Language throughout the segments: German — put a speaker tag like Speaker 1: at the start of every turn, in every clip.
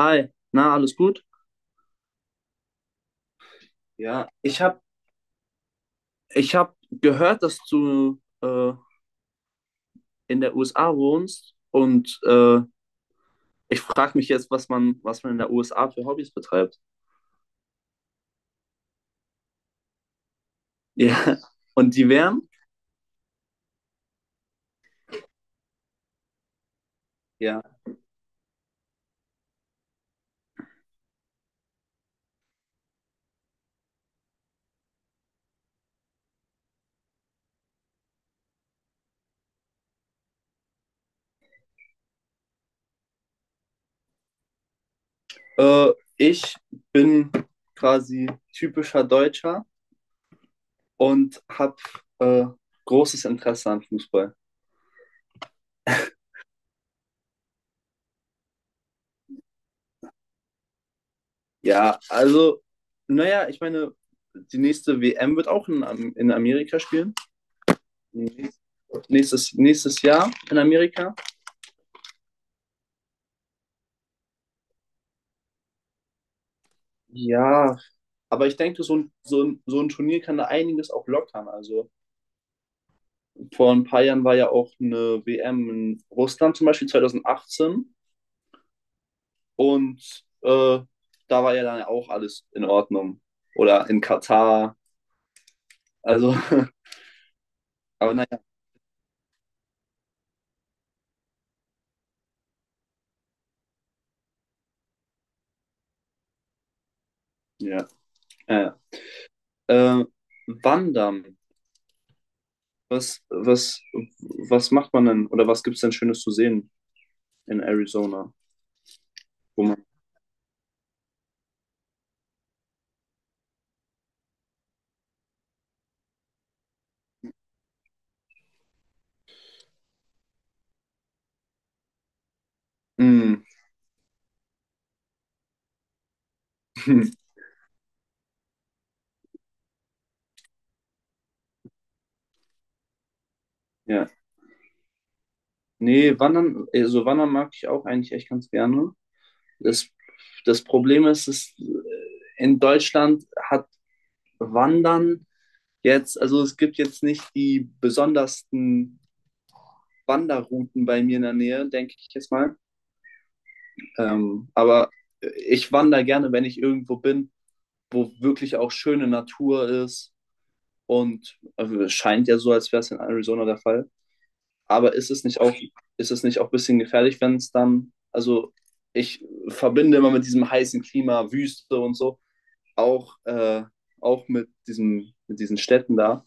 Speaker 1: Hi, na, alles gut? Ja, ich habe gehört, dass du in der USA wohnst und ich frage mich jetzt, was man in der USA für Hobbys betreibt. Ja, und die wären, ja, äh, ich bin quasi typischer Deutscher und habe äh, großes Interesse an Fußball. Ja, also, naja, ich meine, die nächste WM wird auch in Amerika spielen. Nächst- nächstes Jahr in Amerika. Ja, aber ich denke, so ein Turnier kann da einiges auch lockern. Also vor ein paar Jahren war ja auch eine WM in Russland zum Beispiel 2018 und da war ja dann auch alles in Ordnung. Oder in Katar. Also, aber naja, ja. Ja. Ja. Wandern. Was, was, was macht man denn oder was gibt es denn Schönes zu sehen in Arizona? Wo man, Mm. Ja. Nee, wandern, also wandern mag ich auch eigentlich echt ganz gerne. Das, das Problem ist, dass in Deutschland hat Wandern jetzt, also es gibt jetzt nicht die besondersten Wanderrouten bei mir in der Nähe, denke ich jetzt mal. Aber ich wandere gerne, wenn ich irgendwo bin, wo wirklich auch schöne Natur ist. Und es scheint ja so, als wäre es in Arizona der Fall. Aber ist es nicht auch, ein bisschen gefährlich, wenn es dann, also ich verbinde immer mit diesem heißen Klima, Wüste und so, auch, äh, auch mit diesen Städten da,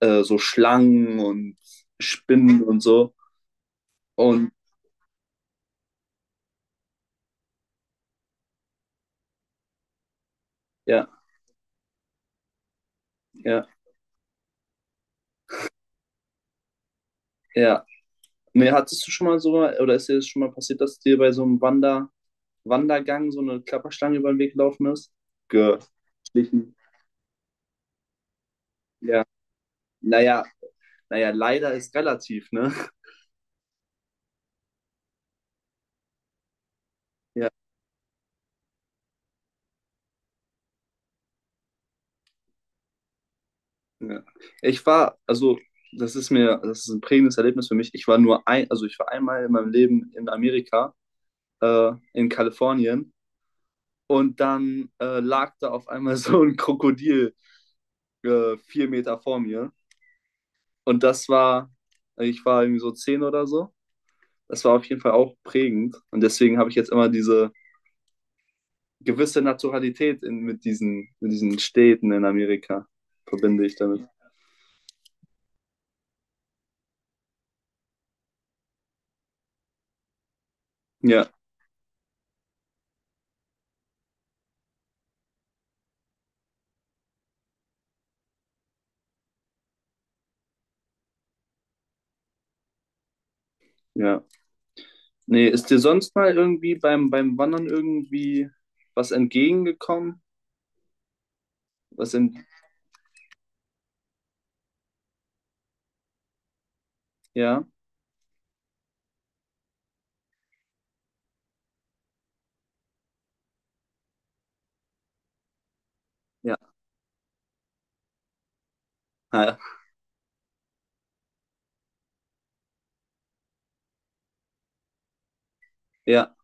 Speaker 1: so Schlangen und Spinnen und so. Und ja, ja, ja. Nee, hattest du schon mal so, oder ist dir das schon mal passiert, dass dir bei so einem Wandergang so eine Klapperschlange über den Weg gelaufen ist? Geschlichen. Ja. Naja, leider ist relativ, ne? Ja. Ja. Ich war, also das ist mir, das ist ein prägendes Erlebnis für mich. Ich war nur ein, also ich war einmal in meinem Leben in Amerika, in Kalifornien, und dann lag da auf einmal so ein Krokodil 4 Meter vor mir. Und das war, ich war irgendwie so 10 oder so. Das war auf jeden Fall auch prägend. Und deswegen habe ich jetzt immer diese gewisse Naturalität mit diesen Städten in Amerika, verbinde ich damit. Ja, ja. Nee, ist dir sonst mal irgendwie beim Wandern irgendwie was entgegengekommen? Was in, ja, ja, ja, ja,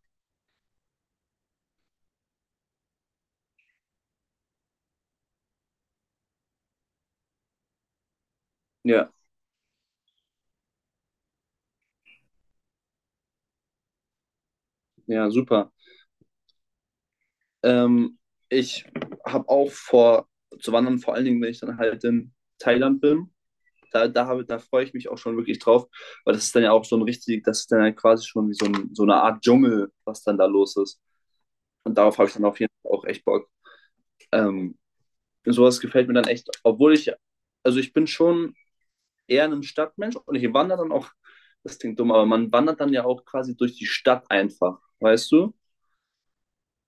Speaker 1: ja, ja, super. Ähm, ich habe auch vor zu wandern, vor allen Dingen, wenn ich dann halt in Thailand bin. Da freue ich mich auch schon wirklich drauf, weil das ist dann ja auch so ein richtig, das ist dann ja quasi schon wie so eine Art Dschungel, was dann da los ist. Und darauf habe ich dann auf jeden Fall auch echt Bock. Ähm, sowas gefällt mir dann echt, obwohl ich, also ich bin schon eher ein Stadtmensch und ich wandere dann auch, das klingt dumm, aber man wandert dann ja auch quasi durch die Stadt einfach, weißt du?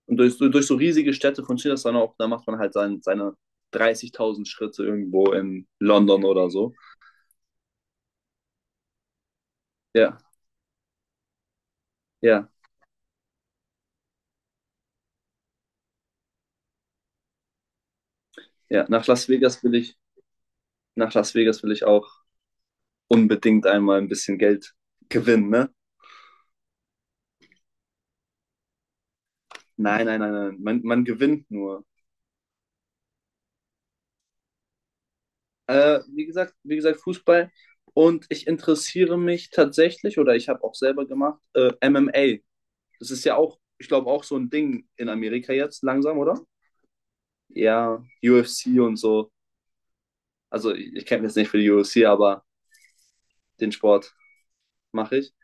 Speaker 1: Und durch so riesige Städte funktioniert das dann auch, da macht man halt seine 30.000 Schritte irgendwo in London oder so. Ja, ja, ja. Nach Las Vegas will ich auch unbedingt einmal ein bisschen Geld gewinnen, ne? Nein, nein, nein, nein. Man gewinnt nur. Wie gesagt, Fußball. Und ich interessiere mich tatsächlich, oder ich habe auch selber gemacht, MMA. Das ist ja auch, ich glaube, auch so ein Ding in Amerika jetzt langsam, oder? Ja, UFC und so. Also ich kenne jetzt nicht für die UFC, aber den Sport mache ich.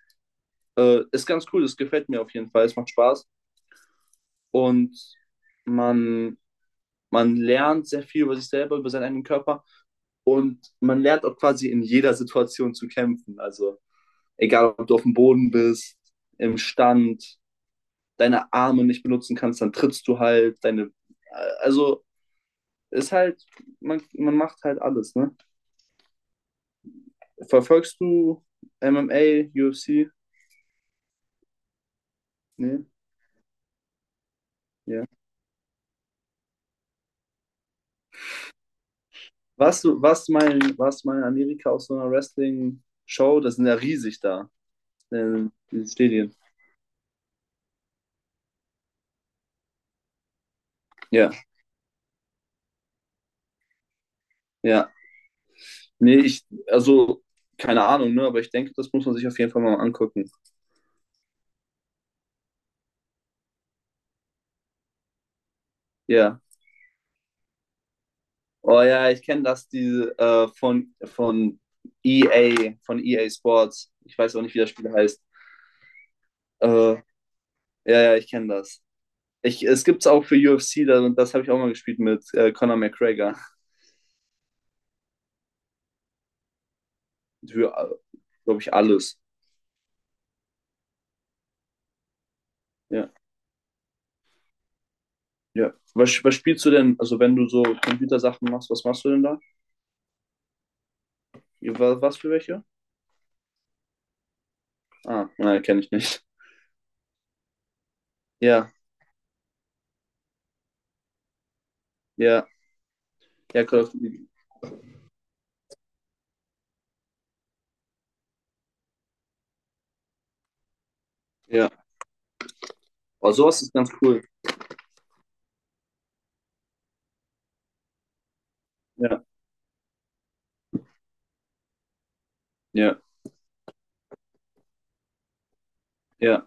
Speaker 1: Ist ganz cool, das gefällt mir auf jeden Fall, es macht Spaß. Und man, man lernt sehr viel über sich selber, über seinen eigenen Körper. Und man lernt auch quasi in jeder Situation zu kämpfen. Also egal, ob du auf dem Boden bist, im Stand, deine Arme nicht benutzen kannst, dann trittst du halt, deine, also ist halt, man macht halt alles, ne? Verfolgst du MMA, UFC? Ne? Ja. Warst du mal in Amerika auf so einer Wrestling-Show? Das sind ja riesig da, äh, diese Stadien. Ja, ja. Nee, ich, also, keine Ahnung, ne? Aber ich denke, das muss man sich auf jeden Fall mal angucken. Ja. Oh ja, ich kenne das, diese von EA, von EA Sports. Ich weiß auch nicht, wie das Spiel heißt. Äh, ja, ja, ich kenne das. Ich, es gibt es auch für UFC, das habe ich auch mal gespielt mit Conor McGregor. Für, glaube ich, alles. Ja. Ja. Was spielst du denn, also wenn du so Computersachen machst, was machst du denn da? Was für welche? Ah, nein, kenne ich nicht. Ja, ja, ja, Call of Duty. Ja. Aber sowas ist ganz cool. Ja, ja, ja.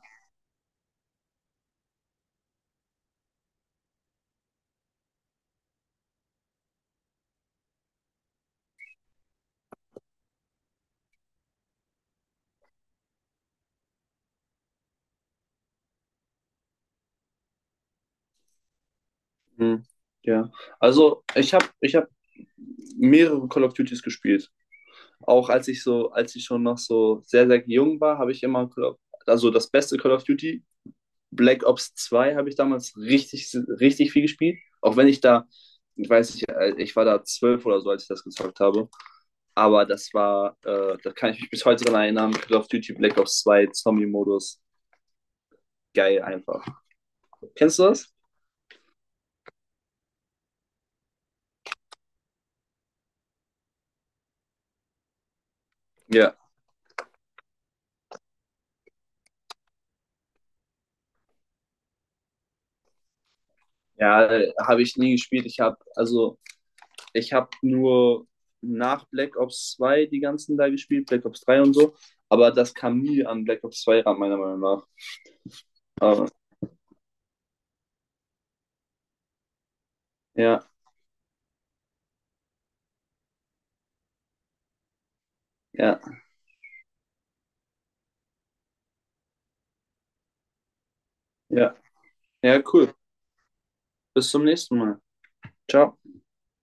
Speaker 1: Mhm. Ja. Also ich hab mehrere Call of Duties gespielt. Auch als ich schon noch so sehr, sehr jung war, habe ich immer also das beste Call of Duty Black Ops zwei habe ich damals richtig, richtig viel gespielt. Auch wenn ich da, ich weiß nicht, ich war da 12 oder so, als ich das gezockt habe. Aber das war, da kann ich mich bis heute dran erinnern, Call of Duty Black Ops zwei Zombie-Modus. Geil einfach. Kennst du das? Ja. Ja, habe ich nie gespielt. Ich habe, also, ich habe nur nach Black Ops 2 die ganzen da gespielt, Black Ops 3 und so. Aber das kam nie an Black Ops 2 ran, meiner Meinung nach. Aber, ja, ja, ja. Ja, cool. Bis zum nächsten Mal. Ciao.